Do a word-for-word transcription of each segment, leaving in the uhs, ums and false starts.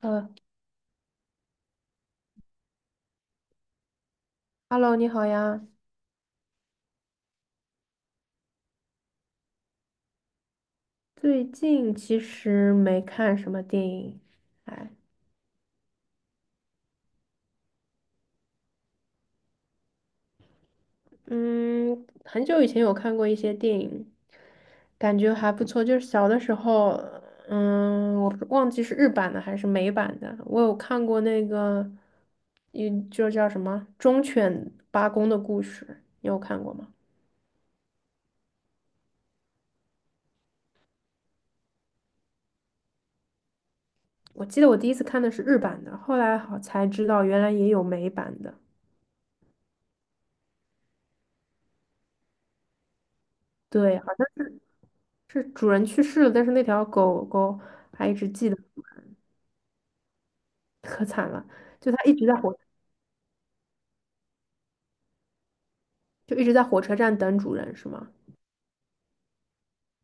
呃，Hello,你好呀。最近其实没看什么电影，哎，嗯，很久以前有看过一些电影，感觉还不错。就是小的时候，嗯，我不忘记是日版的还是美版的，我有看过那个，嗯，就叫什么《忠犬八公的故事》，你有看过吗？我记得我第一次看的是日版的，后来好才知道原来也有美版的。对，好像是主人去世了，但是那条狗狗还一直记得。可惨了，就他一直在火，就一直在火车站等主人，是吗？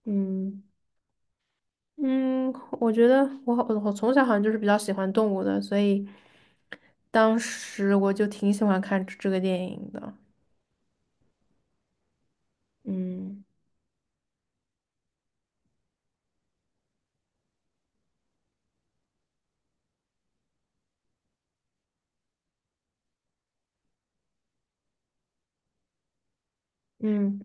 嗯嗯，我觉得我好，我从小好像就是比较喜欢动物的，所以当时我就挺喜欢看这个电影的。嗯嗯，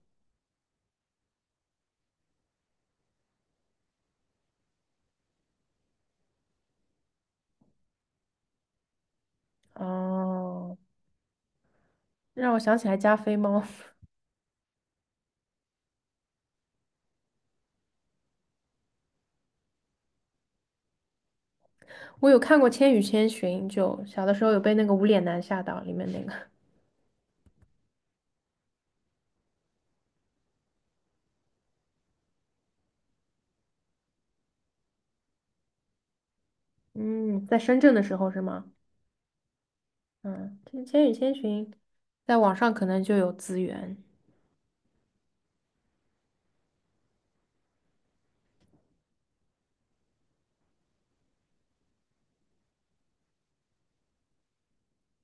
哦，让我想起来加菲猫。我有看过《千与千寻》，就小的时候有被那个无脸男吓到，里面那个，嗯，在深圳的时候是吗？嗯，这《千与千寻》在网上可能就有资源。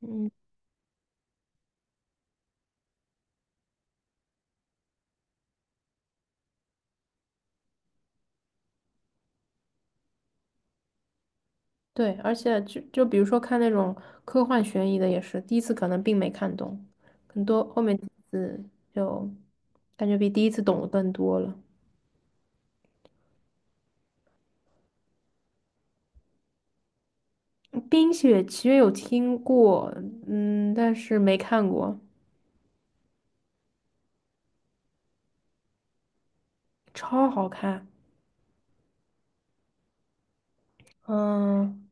嗯。对，而且就就比如说看那种科幻悬疑的，也是第一次可能并没看懂，很多后面几次就感觉比第一次懂得更多了。嗯《冰雪奇缘》有听过，嗯，但是没看过，超好看。嗯，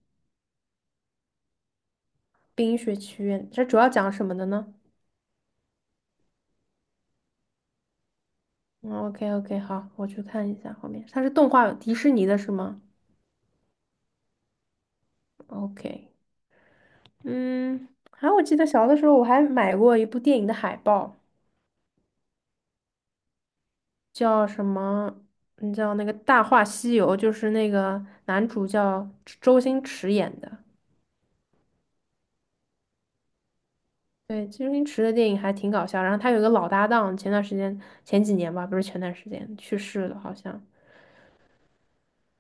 《冰雪奇缘》这主要讲什么的呢？嗯，OK OK,好，我去看一下后面。它是动画，迪士尼的是吗？OK,嗯，还、啊、我记得小的时候我还买过一部电影的海报。叫什么？你叫那个《大话西游》，就是那个男主叫周星驰演的。对，周星驰的电影还挺搞笑。然后他有一个老搭档，前段时间前几年吧，不是前段时间去世了，好像。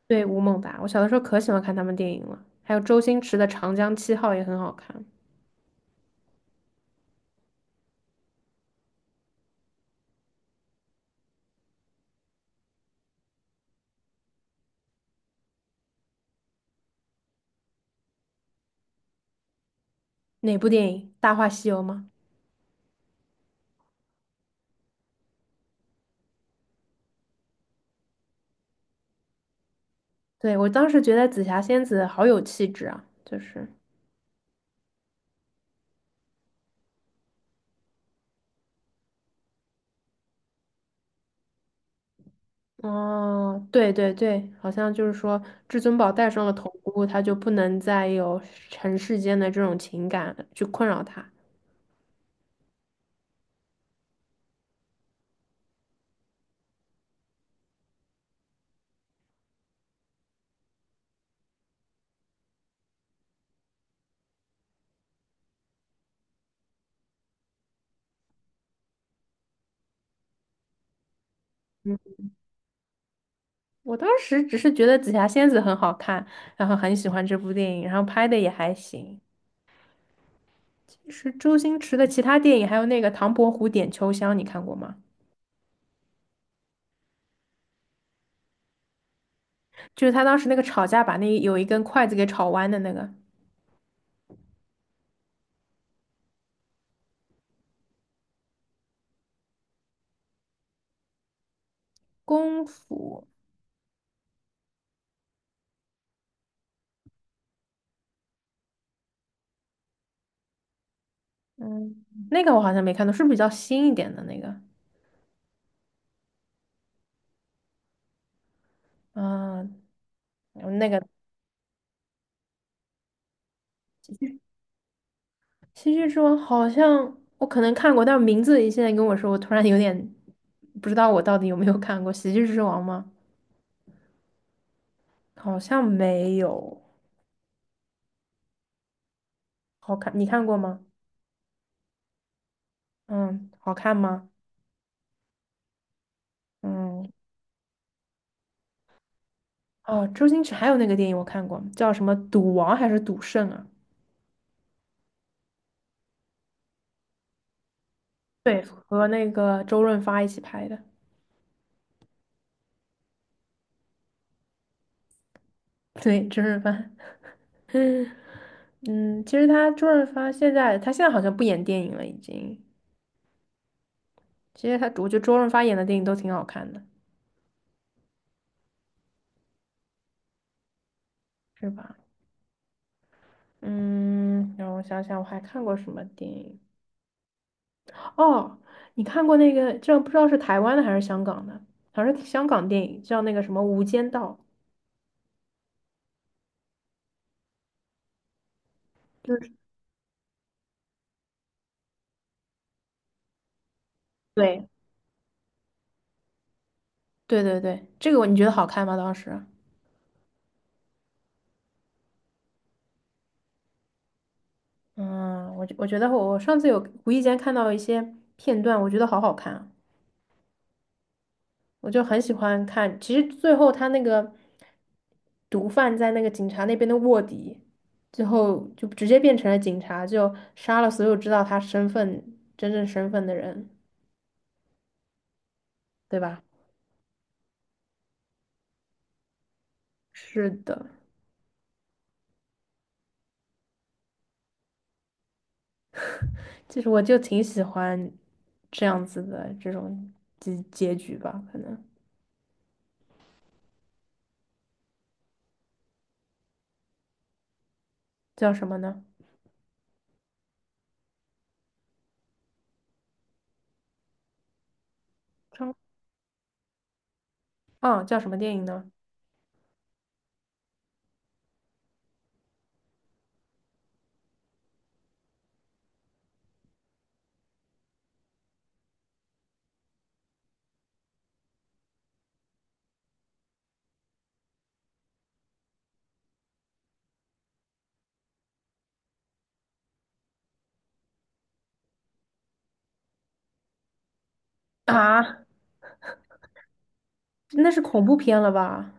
对，吴孟达，我小的时候可喜欢看他们电影了。还有周星驰的《长江七号》也很好看。哪部电影？《大话西游》吗？对，我当时觉得紫霞仙子好有气质啊，就是。哦，对对对，好像就是说，至尊宝戴上了头箍，他就不能再有尘世间的这种情感去困扰他。嗯，我当时只是觉得紫霞仙子很好看，然后很喜欢这部电影，然后拍的也还行。其实周星驰的其他电影，还有那个《唐伯虎点秋香》，你看过吗？就是他当时那个吵架，把那有一根筷子给吵弯的那个功夫，嗯，那个我好像没看到，是不是比较新一点的那个？嗯，那个。喜剧之王好像我可能看过，但名字现在跟我说，我突然有点不知道我到底有没有看过《喜剧之王》吗？好像没有。好看，你看过吗？嗯，好看吗？嗯，哦，周星驰还有那个电影我看过，叫什么《赌王》还是《赌圣》啊？对，和那个周润发一起拍的。对，周润发。嗯，其实他周润发现在他现在好像不演电影了，已经。其实他，我觉得周润发演的电影都挺好看的，是吧？嗯，让我想想，我还看过什么电影？哦，你看过那个，这不知道是台湾的还是香港的，好像是香港电影，叫那个什么《无间道》。就是对对对对，这个你觉得好看吗？当时？嗯，我觉我觉得我上次有无意间看到一些片段，我觉得好好看啊。我就很喜欢看。其实最后他那个毒贩在那个警察那边的卧底，最后就直接变成了警察，就杀了所有知道他身份真正身份的人，对吧？是的，其实我就挺喜欢这样子的这种结结局吧，可能叫什么呢？张啊，叫什么电影呢？啊，那是恐怖片了吧？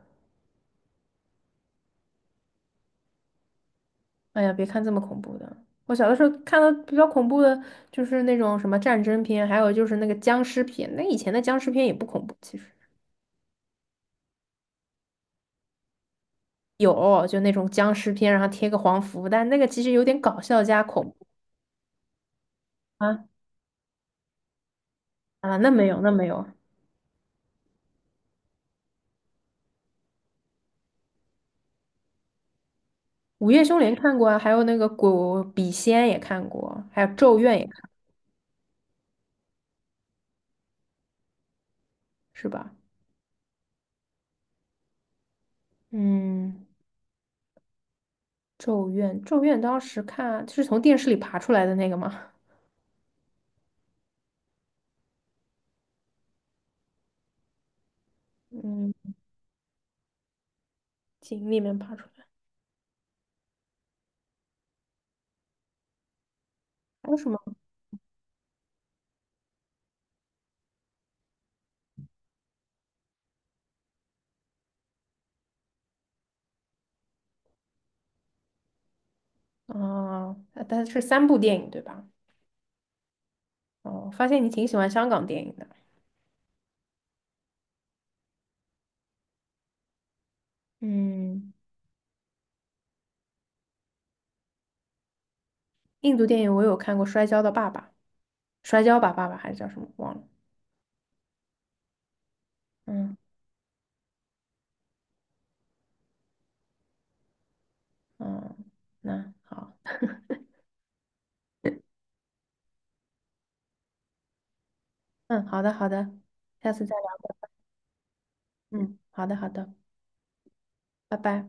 哎呀，别看这么恐怖的。我小的时候看的比较恐怖的，就是那种什么战争片，还有就是那个僵尸片。那以前的僵尸片也不恐怖，其实有就那种僵尸片，然后贴个黄符，但那个其实有点搞笑加恐怖啊啊，那没有那没有，《午夜凶铃》看过啊，还有那个鬼笔仙也看过，还有《咒怨》也看，是吧？嗯，《咒怨》《咒怨》当时看就是从电视里爬出来的那个嘛，嗯，井里面爬出来，还有什么？哦，啊但是三部电影对吧？哦，发现你挺喜欢香港电影的。嗯，印度电影我有看过《摔跤的爸爸》，摔跤吧爸爸还是叫什么忘了。嗯嗯，那好，嗯，好的好的，下次再聊吧。嗯，好的好的，拜拜。